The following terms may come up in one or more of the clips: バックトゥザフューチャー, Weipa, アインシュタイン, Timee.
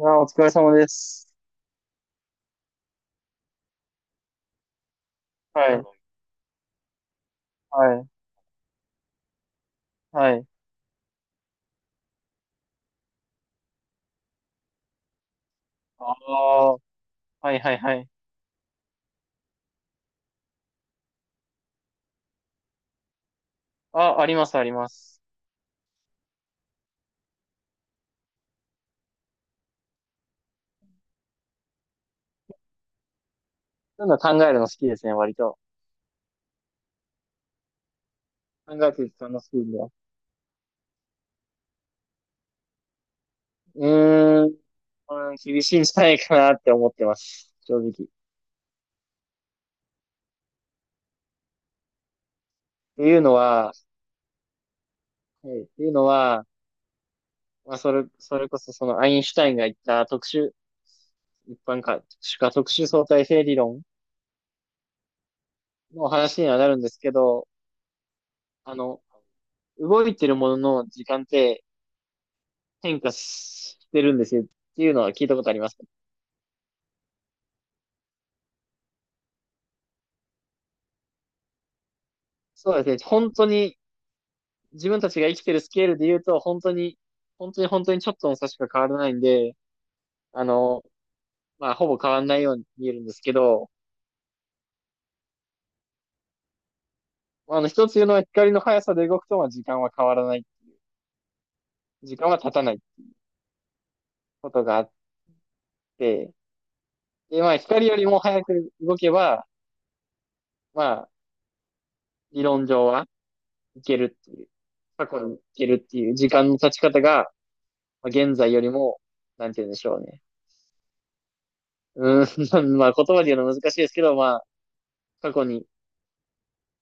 あ、お疲れ様です。はあい、の、はい、はい。ああ、はい、はい、はい。あ、あります、あります。そういうの考えるの好きですね、割と。考えていくの好きんだ。うーん、うん、厳しいんじゃないかなって思ってます。正直。っていうのは、はい、っていうのは、まあ、それこそそのアインシュタインが言った特殊、一般か、特殊か特殊相対性理論の話にはなるんですけど、あの、動いてるものの時間って変化してるんですよっていうのは聞いたことあります。そうですね。本当に自分たちが生きてるスケールで言うと、本当に、本当に本当にちょっとの差しか変わらないんで、あの、まあ、ほぼ変わらないように見えるんですけど、まあの、一つ言うのは光の速さで動くと、まあ、時間は変わらない。時間は経たないことがあって、で、まあ、光よりも早く動けば、まあ、理論上はいけるっていう、過去にいけるっていう時間の経ち方が、まあ、現在よりも、なんて言うんでしょうね。うーん、まあ言葉で言うの難しいですけど、まあ過去に、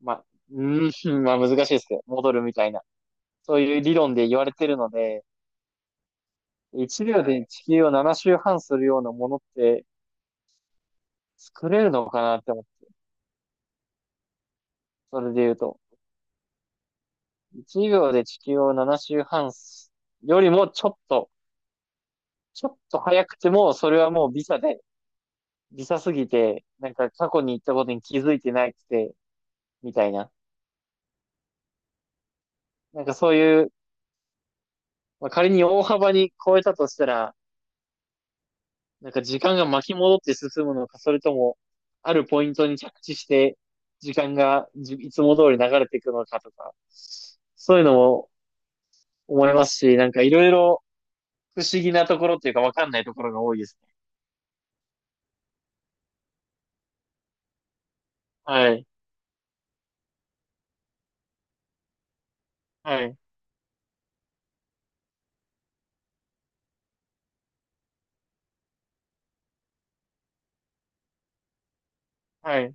まあ、うまあ難しいですけど、戻るみたいな、そういう理論で言われてるので、1秒で地球を7周半するようなものって作れるのかなって思って、それで言うと、1秒で地球を7周半すよりもちょっと早くても、それはもうビザで、ビザすぎて、なんか過去に行ったことに気づいてないくて、みたいな。なんかそういう、まあ、仮に大幅に超えたとしたら、なんか時間が巻き戻って進むのか、それとも、あるポイントに着地して、時間がじいつも通り流れていくのかとか、そういうのも思いますし、なんかいろいろ不思議なところっていうかわかんないところが多いですね。はい。はい。はい。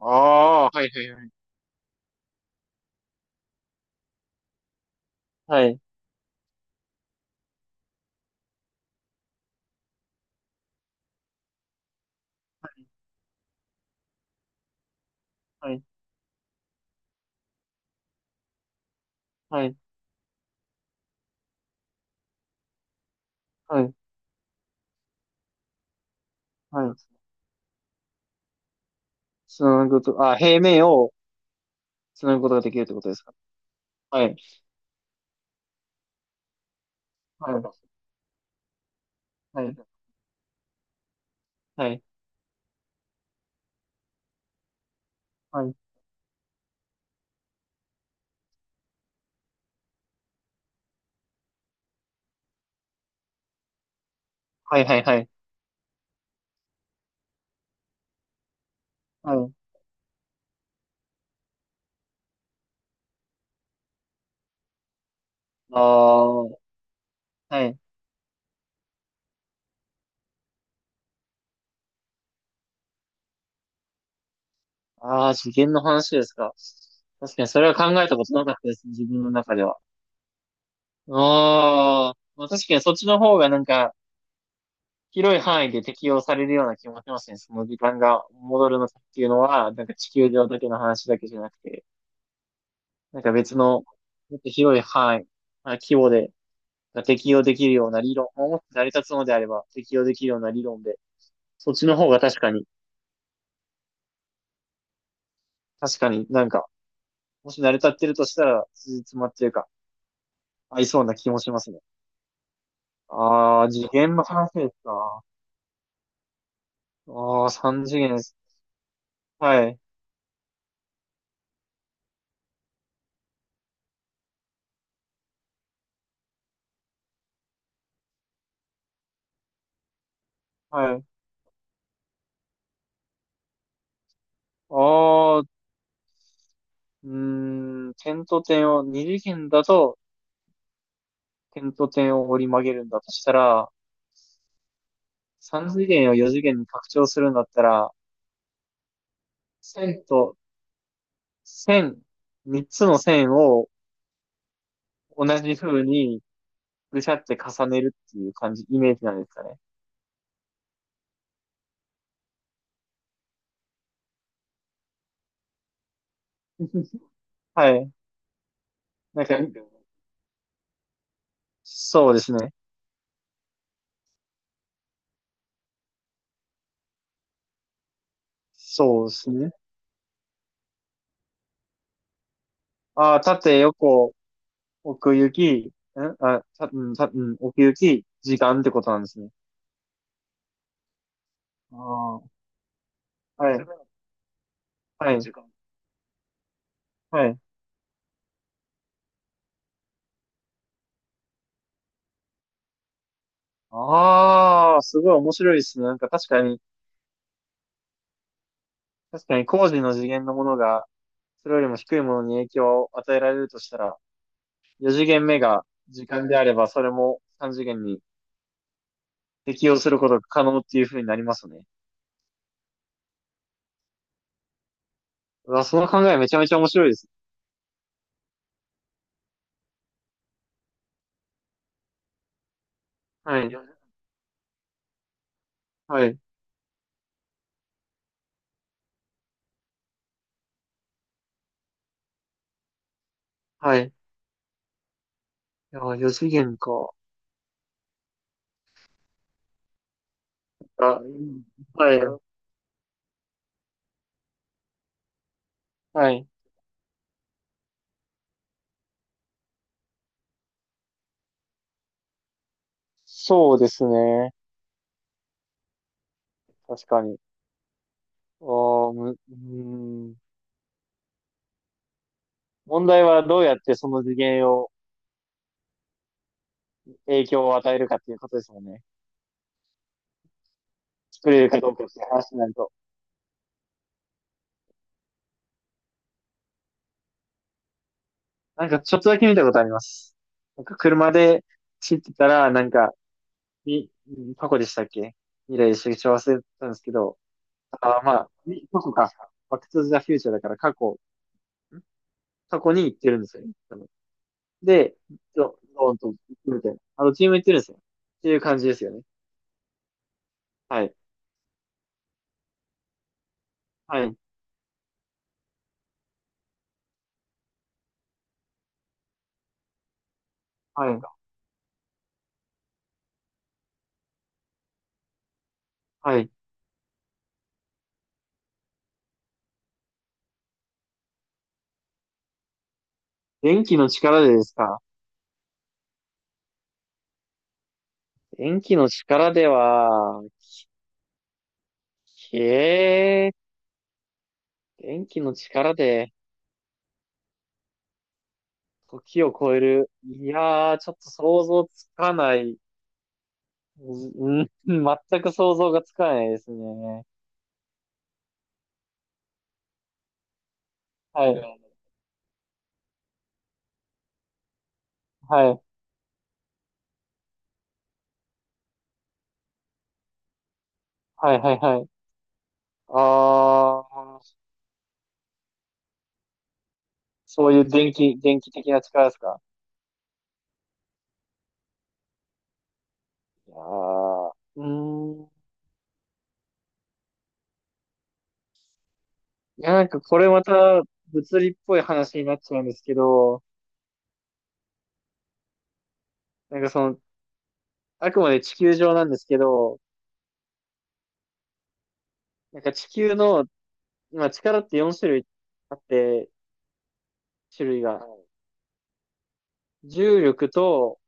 ああー、はいはいはいああはい。はい。はい。はい。はい。つなぐこと、あ、平面をつなぐことができるってことですか？はい。はい。はい。はい。はい。はい。はい。はい。はい。ああ、はい。ああ、次元の話ですか？確かにそれは考えたことなかったですね、自分の中では。ああ、まあ確かにそっちの方がなんか、広い範囲で適用されるような気もしますね。その時間が戻るのかっていうのは、なんか地球上だけの話だけじゃなくて、なんか別の、もっと広い範囲、まあ、規模で、が適用できるような理論、まあもっと成り立つのであれば適用できるような理論で、そっちの方が確かに、確かになんか、もし成り立ってるとしたら、つじつまっていうか、合いそうな気もしますね。ああ、次元の話ですか？ああ、三次元です。はい。はい。ああ、うーん、点と点を、二次元だと点と点を折り曲げるんだとしたら、三次元を四次元に拡張するんだったら、線と線、三つの線を同じ風にぐしゃって重ねるっていう感じ、イメージなんですかね？はい。なんか、そうですね。そうですね。ああ、縦横、奥行き、んあ、さ、うん、さ、うん、奥行き、時間ってことなんですね。ああ、はい、はい、時間。はい。ああ、すごい面白いですね。なんか確かに、工事の次元のものが、それよりも低いものに影響を与えられるとしたら、4次元目が時間であれば、それも3次元に適用することが可能っていう風になりますね。うわ、その考えめちゃめちゃ面白いです。はい、はい、はい。いや、4次元か。あ、はい、はい。そうですね。確かに。おー、む、うーん。問題はどうやってその次元を、影響を与えるかっていうことですもんね。作れるかどうかっていう話になると。なんかちょっとだけ見たことあります。なんか車で走ってたら、なんか、み、過去でしたっけ未来でしたっけ忘れたんですけど、あー、まあ、み過去か。バックトゥザフューチャーだから過去、ん過去に行ってるんですよね。多分で、ドドーンと行くみたいな。チーム行ってるんですよ。っていう感じですよね。はい。はい。はい。はい。電気の力でですか？電気の力では、えー、電気の力で時を超える。いやー、ちょっと想像つかない。うん、全く想像がつかないですね。はい、はい、はい、はい、はい。あー、そういう電気的な力ですか？いやー、うーん。いや、なんかこれまた物理っぽい話になっちゃうんですけど、なんかその、あくまで地球上なんですけど、なんか地球の、まあ、力って4種類あって、種類が。はい重力と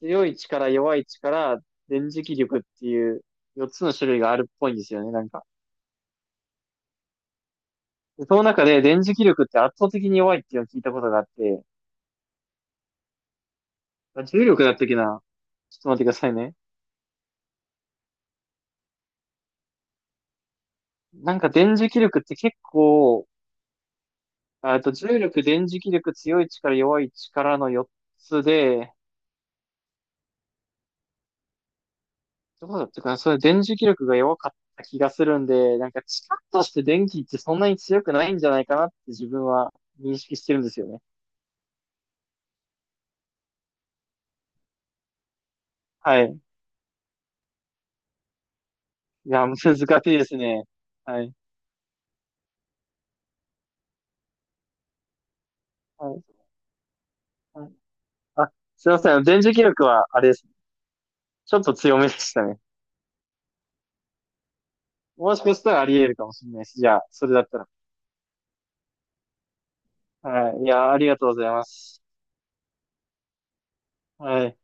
強い力、弱い力、電磁気力っていう4つの種類があるっぽいんですよね、なんか。でその中で電磁気力って圧倒的に弱いっていうのを聞いたことがあって、あ重力だったっけな、ちょっと待ってくださいね。なんか電磁気力って結構、ああと重力、電磁気力、強い力、弱い力の4つで、どうだったかなそれ電磁気力が弱かった気がするんで、なんか力として電気ってそんなに強くないんじゃないかなって自分は認識してるんですよね。はい。いや、難しいですね。はい。はい。はい。あ、すいません。電磁気力はあれです。ちょっと強めでしたね。もしかしたらあり得るかもしれないし、じゃあ、それだったら。はい。いや、ありがとうございます。はい。